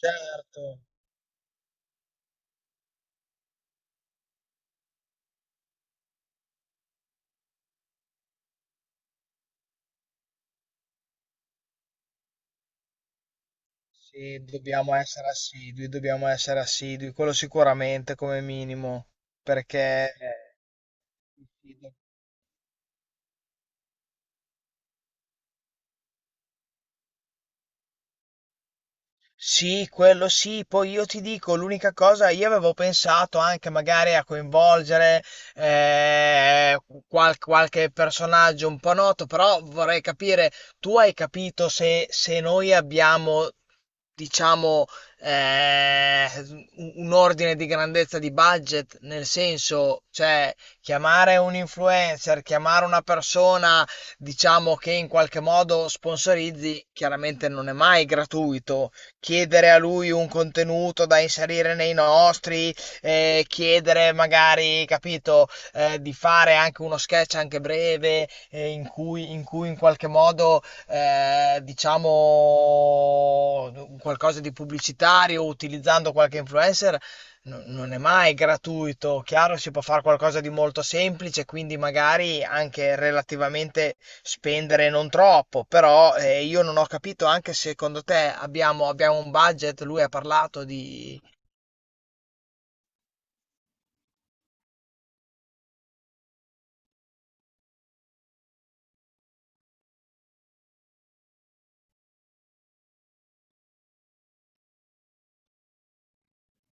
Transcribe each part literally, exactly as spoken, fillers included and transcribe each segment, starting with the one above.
Certo, sì, dobbiamo essere assidui, dobbiamo essere assidui, quello sicuramente come minimo, perché eh, sì, quello sì. Poi io ti dico, l'unica cosa, io avevo pensato anche magari a coinvolgere eh, qual- qualche personaggio un po' noto, però vorrei capire, tu hai capito se, se noi abbiamo, diciamo, eh, un un ordine di grandezza di budget, nel senso, cioè, chiamare un influencer, chiamare una persona, diciamo, che in qualche modo sponsorizzi, chiaramente non è mai gratuito chiedere a lui un contenuto da inserire nei nostri, eh, chiedere magari, capito, eh, di fare anche uno sketch anche breve eh, in cui, in cui in qualche modo eh, diciamo qualcosa di pubblicitario utilizzando qualche influencer no- non è mai gratuito. Chiaro, si può fare qualcosa di molto semplice, quindi magari anche relativamente spendere non troppo, però eh, io non ho capito anche se secondo te abbiamo, abbiamo un budget, lui ha parlato di...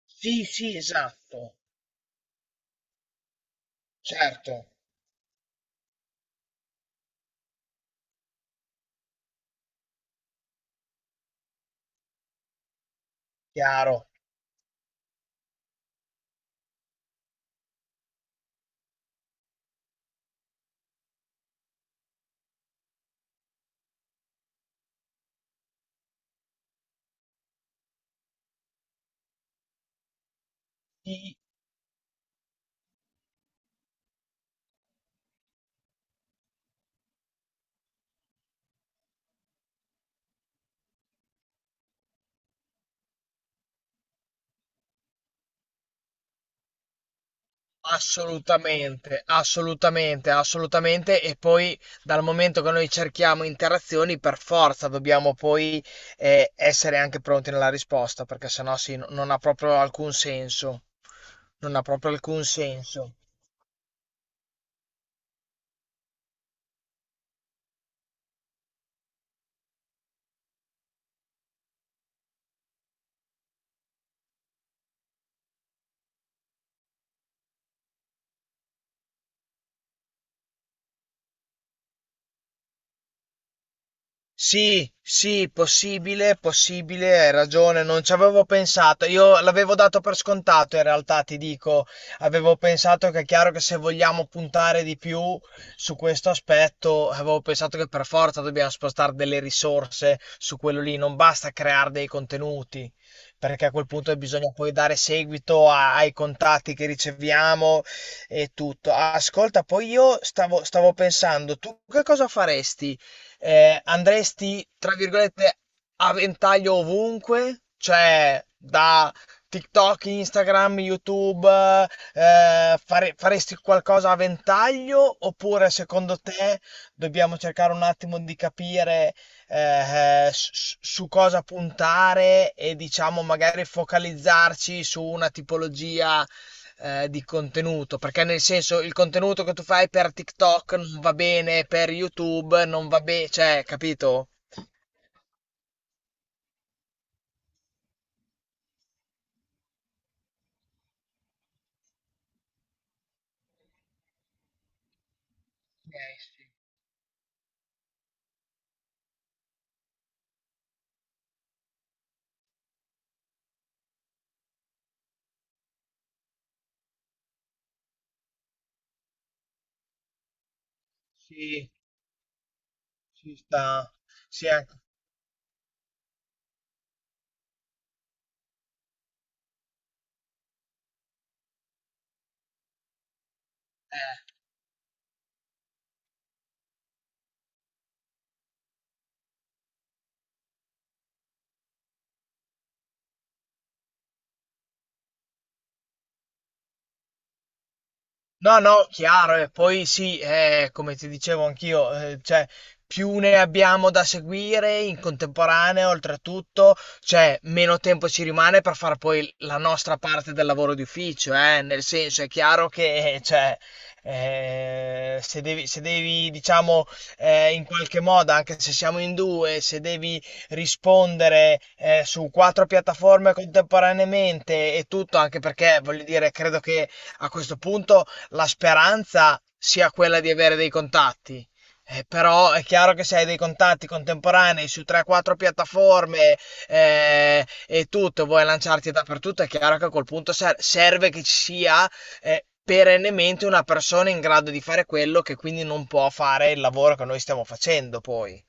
Sì, sì, esatto, certo, chiaro. I- Assolutamente, assolutamente, assolutamente. E poi dal momento che noi cerchiamo interazioni, per forza dobbiamo poi eh, essere anche pronti nella risposta, perché sennò sì, no- non ha proprio alcun senso. Non ha proprio alcun senso. Sì, sì, possibile, possibile, hai ragione, non ci avevo pensato. Io l'avevo dato per scontato, in realtà, ti dico, avevo pensato che è chiaro che se vogliamo puntare di più su questo aspetto, avevo pensato che per forza dobbiamo spostare delle risorse su quello lì, non basta creare dei contenuti, perché a quel punto bisogna poi dare seguito a- ai contatti che riceviamo e tutto. Ascolta, poi io stavo, stavo pensando, tu che cosa faresti? Eh, andresti, tra virgolette, a ventaglio ovunque, cioè da TikTok, Instagram, YouTube, eh, fare- faresti qualcosa a ventaglio oppure secondo te dobbiamo cercare un attimo di capire eh, s- s- su cosa puntare e diciamo magari focalizzarci su una tipologia eh, di contenuto, perché nel senso il contenuto che tu fai per TikTok non va bene, per YouTube non va bene, cioè, capito? Ok, sì, sì, ci sta. Sì, anche. No, no, chiaro, e poi sì, eh, come ti dicevo anch'io, eh, cioè, più ne abbiamo da seguire in contemporanea, oltretutto, cioè, meno tempo ci rimane per fare poi la nostra parte del lavoro di ufficio, eh, nel senso, è chiaro che, eh, cioè, eh, se devi, se devi, diciamo, eh, in qualche modo, anche se siamo in due, se devi rispondere eh, su quattro piattaforme contemporaneamente e tutto, anche perché, voglio dire, credo che a questo punto la speranza sia quella di avere dei contatti. Eh, però è chiaro che se hai dei contatti contemporanei su tre o quattro piattaforme eh, e tutto, vuoi lanciarti dappertutto, è chiaro che a quel punto ser- serve che ci sia eh, perennemente una persona in grado di fare quello che quindi non può fare il lavoro che noi stiamo facendo poi.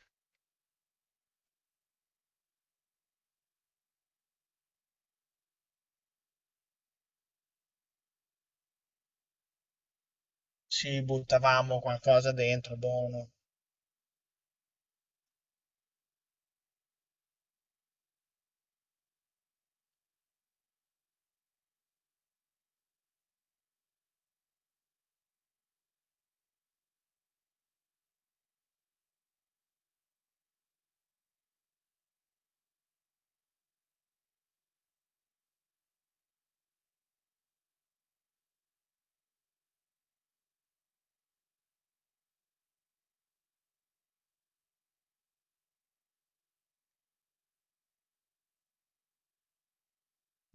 Ci buttavamo qualcosa dentro, buono.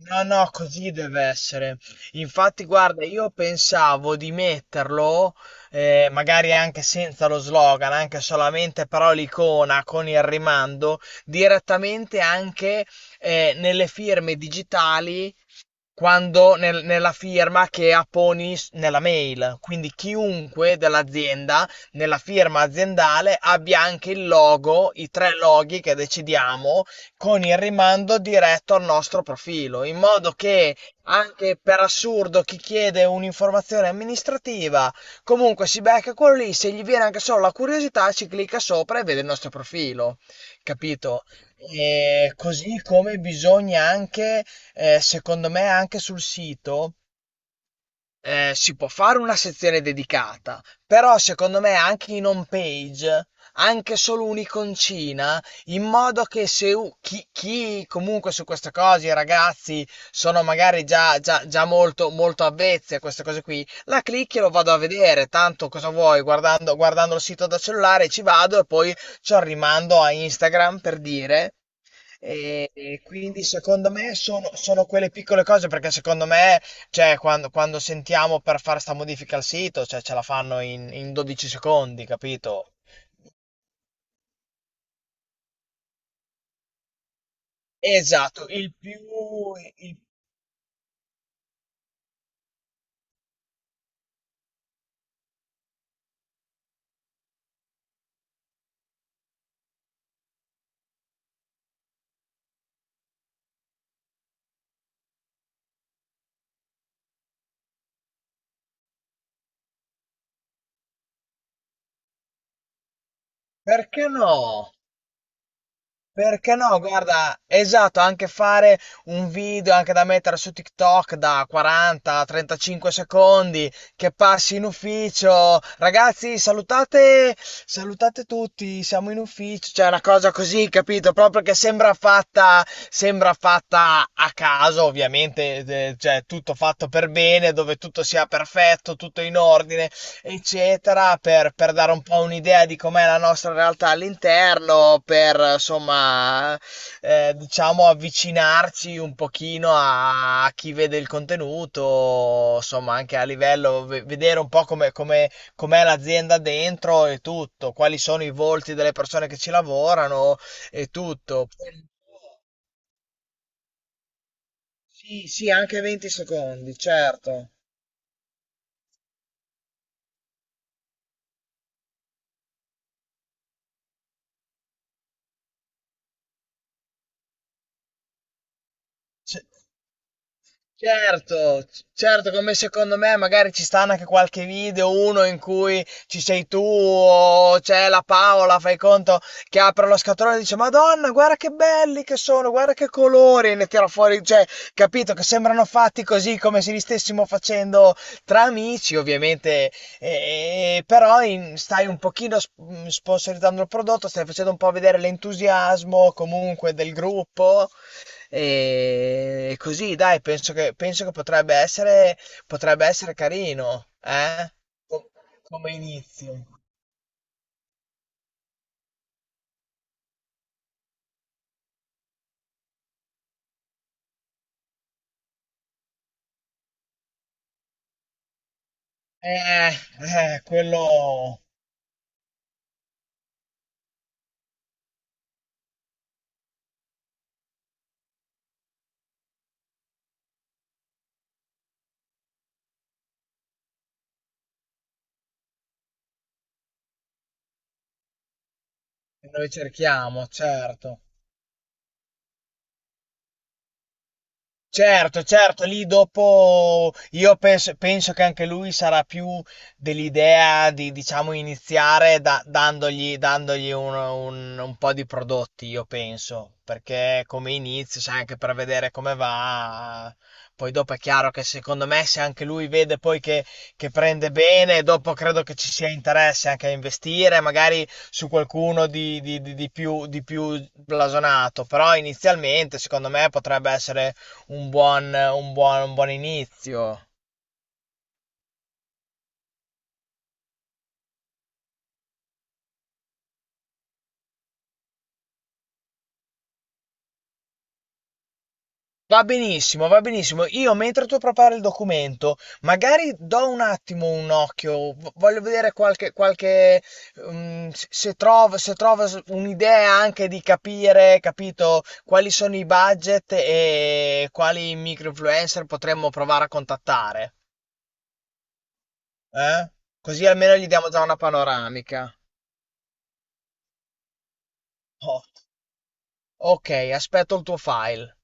No, no, così deve essere. Infatti, guarda, io pensavo di metterlo, eh, magari anche senza lo slogan, anche solamente però l'icona con il rimando, direttamente anche eh, nelle firme digitali quando nel- nella firma che apponi s- nella mail. Quindi chiunque dell'azienda nella firma aziendale abbia anche il logo, i tre loghi che decidiamo con il rimando diretto al nostro profilo, in modo che anche per assurdo chi chiede un'informazione amministrativa comunque si becca quello lì, se gli viene anche solo la curiosità ci clicca sopra e vede il nostro profilo, capito? E così come bisogna anche eh, secondo me anche sul sito Ehm, si può fare una sezione dedicata, però secondo me anche in home page, anche solo un'iconcina, in modo che se u chi chi comunque su queste cose, i ragazzi, sono magari già già già molto molto avvezzi a queste cose qui, la clicchi e lo vado a vedere, tanto cosa vuoi, guardando guardando il sito da cellulare ci vado e poi c'ho il rimando a Instagram, per dire. E e quindi secondo me sono sono quelle piccole cose, perché secondo me cioè, quando, quando sentiamo per fare sta modifica al sito, cioè ce la fanno in, in dodici secondi, capito? Esatto, il più... il- Perché no? Perché no, guarda, esatto, anche fare un video anche da mettere su TikTok da quaranta, trentacinque secondi che passi in ufficio. Ragazzi, salutate, salutate tutti, siamo in ufficio. Cioè, una cosa così, capito? Proprio che sembra fatta, sembra fatta a caso, ovviamente, eh, cioè tutto fatto per bene, dove tutto sia perfetto, tutto in ordine eccetera, per, per dare un po' un'idea di com'è la nostra realtà all'interno, per insomma, eh, diciamo avvicinarci un pochino a, a chi vede il contenuto, insomma, anche a livello, ve- vedere un po' come, come, com'è l'azienda dentro e tutto, quali sono i volti delle persone che ci lavorano e tutto. Sì, sì, anche venti secondi, certo. Certo, c- certo, come secondo me magari ci stanno anche qualche video, uno in cui ci sei tu o c'è la Paola, fai conto, che apre lo scatolone e dice Madonna, guarda che belli che sono, guarda che colori, e ne tira fuori, cioè, capito, che sembrano fatti così come se li stessimo facendo tra amici, ovviamente, e- e- però in- stai un pochino sp- mm, sponsorizzando il prodotto, stai facendo un po' vedere l'entusiasmo comunque del gruppo e così, dai, penso che, penso che potrebbe essere, potrebbe essere carino, eh? Com- Come inizio. Eh, eh, quello che noi cerchiamo, certo. Certo, certo, lì dopo io penso, penso che anche lui sarà più dell'idea di, diciamo, iniziare da- dandogli, dandogli un, un- un po' di prodotti, io penso, perché come inizio, sai, anche per vedere come va, poi dopo è chiaro che secondo me se anche lui vede poi che, che prende bene, dopo credo che ci sia interesse anche a investire, magari su qualcuno di, di- di- di più, di più blasonato, però inizialmente secondo me potrebbe essere un buon, un buon, un buon inizio. Va benissimo, va benissimo. Io mentre tu prepari il documento, magari do un attimo un occhio, v- voglio vedere qualche, qualche mm, se se trovo, se trovo s- un'idea anche di capire, capito, quali sono i budget e quali micro-influencer potremmo provare a contattare. Eh? Così almeno gli diamo già una panoramica. Oh, ok, aspetto il tuo file.